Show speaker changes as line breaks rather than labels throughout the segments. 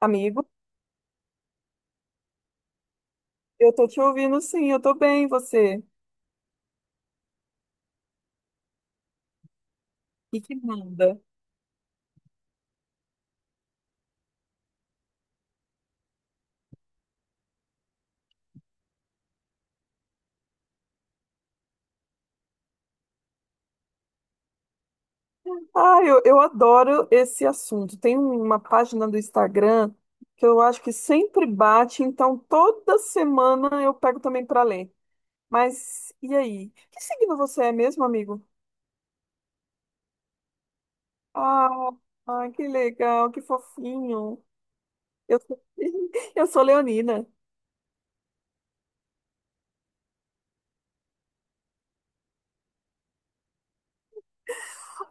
Amigo, eu tô te ouvindo sim, eu tô bem, e você? E que manda? Ah, eu adoro esse assunto. Tem uma página do Instagram que eu acho que sempre bate, então toda semana eu pego também para ler. Mas e aí? Que signo você é mesmo, amigo? Ah, ah, que legal, que fofinho. Eu sou, eu sou leonina.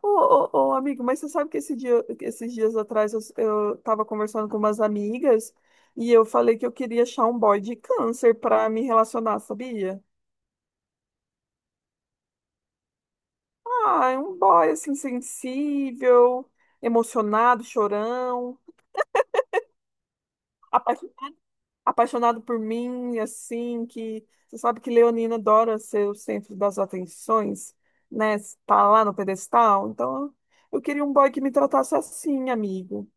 Ô, ô, amigo, mas você sabe que esse dia, esses dias atrás eu tava conversando com umas amigas e eu falei que eu queria achar um boy de câncer pra me relacionar, sabia? Ah, é um boy assim, sensível, emocionado, chorão, apa- apaixonado por mim, assim, que você sabe que leonina adora ser o centro das atenções, né? Tá lá no pedestal. Então, eu queria um boy que me tratasse assim, amigo.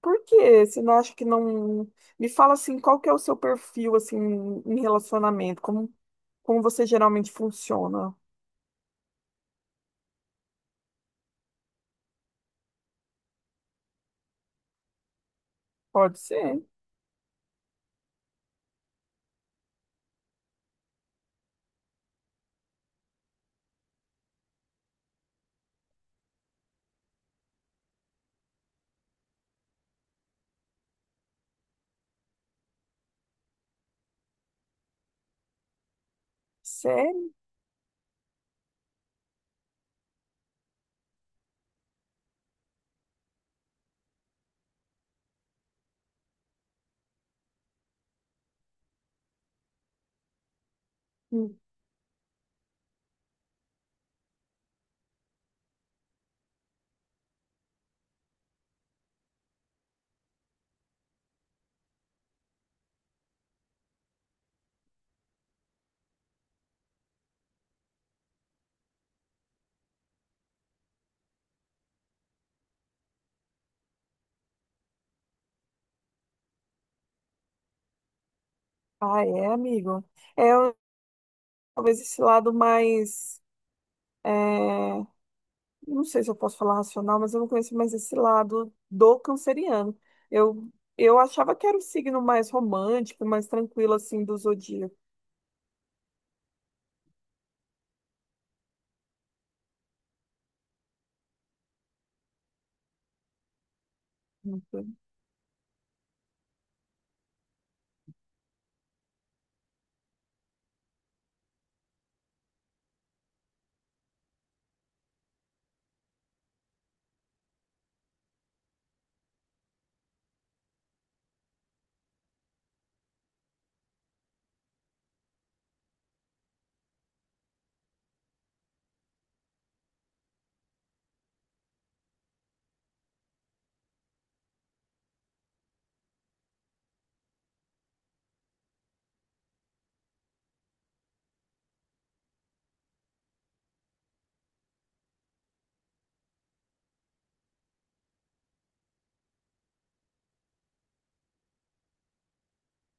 Por quê? Você não acha que não. Me fala assim, qual que é o seu perfil assim em relacionamento? Como você geralmente funciona? Pode ser. Sério? Ah, é, amigo. É talvez esse lado mais. é, Não sei se eu posso falar racional, mas eu não conheço mais esse lado do canceriano. Eu, eu achava que era o signo mais romântico, mais tranquilo assim do zodíaco.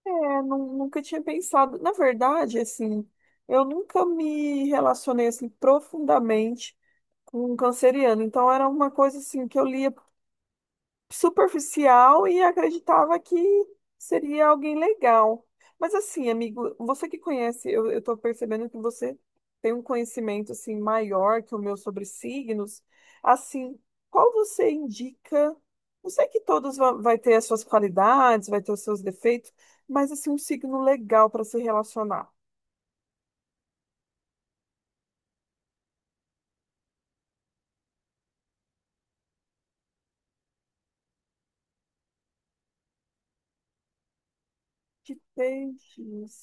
É, nunca tinha pensado. Na verdade, assim, eu nunca me relacionei assim profundamente com um canceriano. Então era uma coisa assim que eu lia superficial e acreditava que seria alguém legal. Mas assim, amigo, você que conhece, eu tô percebendo que você tem um conhecimento assim maior que o meu sobre signos. Assim, qual você indica? Eu sei que todos vão, vai ter as suas qualidades, vai ter os seus defeitos, mas assim, um signo legal para se relacionar. De peixes.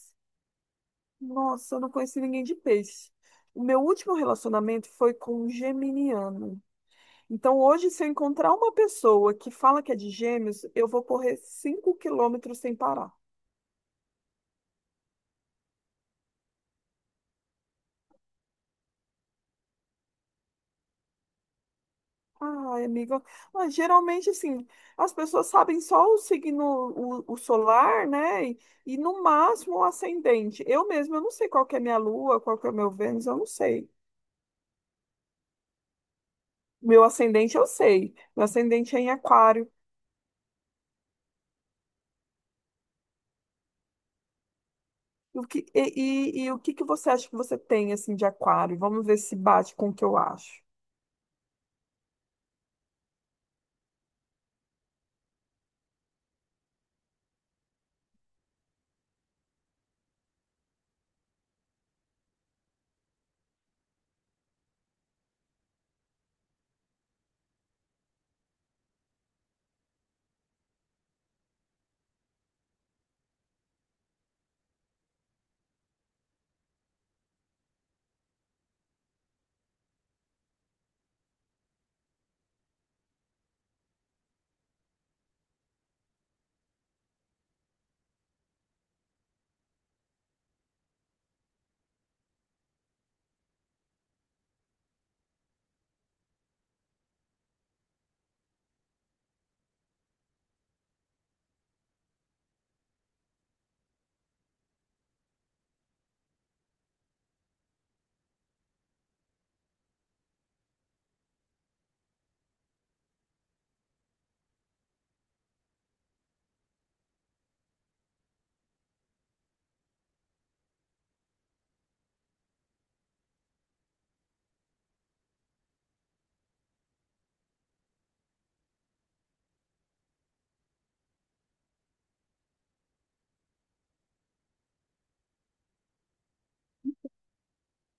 Nossa, eu não conheci ninguém de peixe. O meu último relacionamento foi com um geminiano. Então, hoje, se eu encontrar uma pessoa que fala que é de gêmeos, eu vou correr 5 km sem parar. Ai, amiga. Ah, geralmente, assim, as pessoas sabem só o signo, o solar, né? E no máximo o ascendente. Eu mesma, eu não sei qual que é minha lua, qual que é o meu Vênus, eu não sei. Meu ascendente, eu sei. Meu ascendente é em aquário. E O que, e, e o que que você acha que você tem, assim, de aquário? Vamos ver se bate com o que eu acho.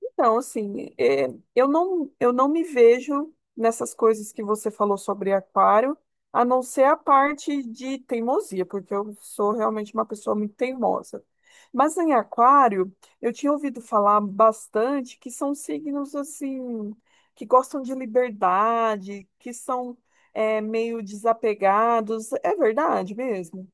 Então, assim, é, eu não me vejo nessas coisas que você falou sobre aquário, a não ser a parte de teimosia, porque eu sou realmente uma pessoa muito teimosa. Mas em aquário, eu tinha ouvido falar bastante que são signos, assim, que gostam de liberdade, que são, é, meio desapegados. É verdade mesmo?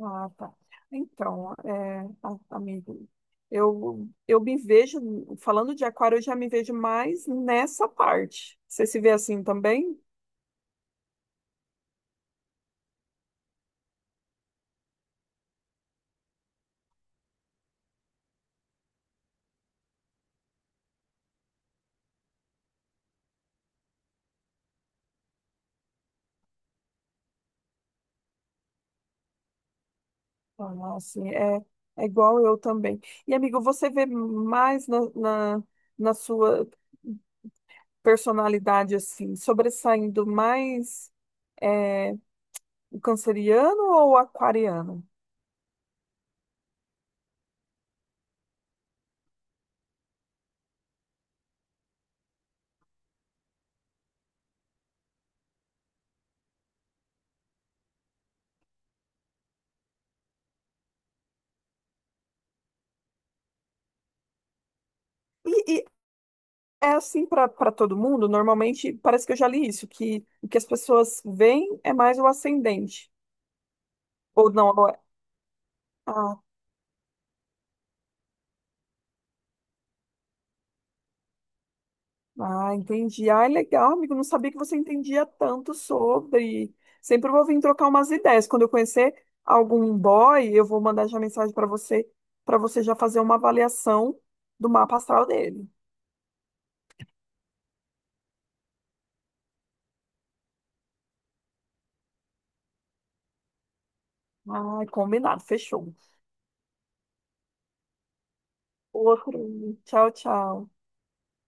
Ah, tá. Então, é, amigo, eu me vejo, falando de aquário, eu já me vejo mais nessa parte. Você se vê assim também? Ah, assim, é, é igual eu também. E, amigo, você vê mais na sua personalidade, assim, sobressaindo mais é, o canceriano ou o aquariano? E, é assim para todo mundo, normalmente parece que eu já li isso, que o que as pessoas veem é mais o ascendente. Ou não, ou é- ah, ah, entendi. Ah, é legal, amigo, não sabia que você entendia tanto sobre. Sempre vou vir trocar umas ideias. Quando eu conhecer algum boy, eu vou mandar já mensagem para você já fazer uma avaliação do mapa astral dele. Ah, combinado, fechou. Outro. Tchau, tchau.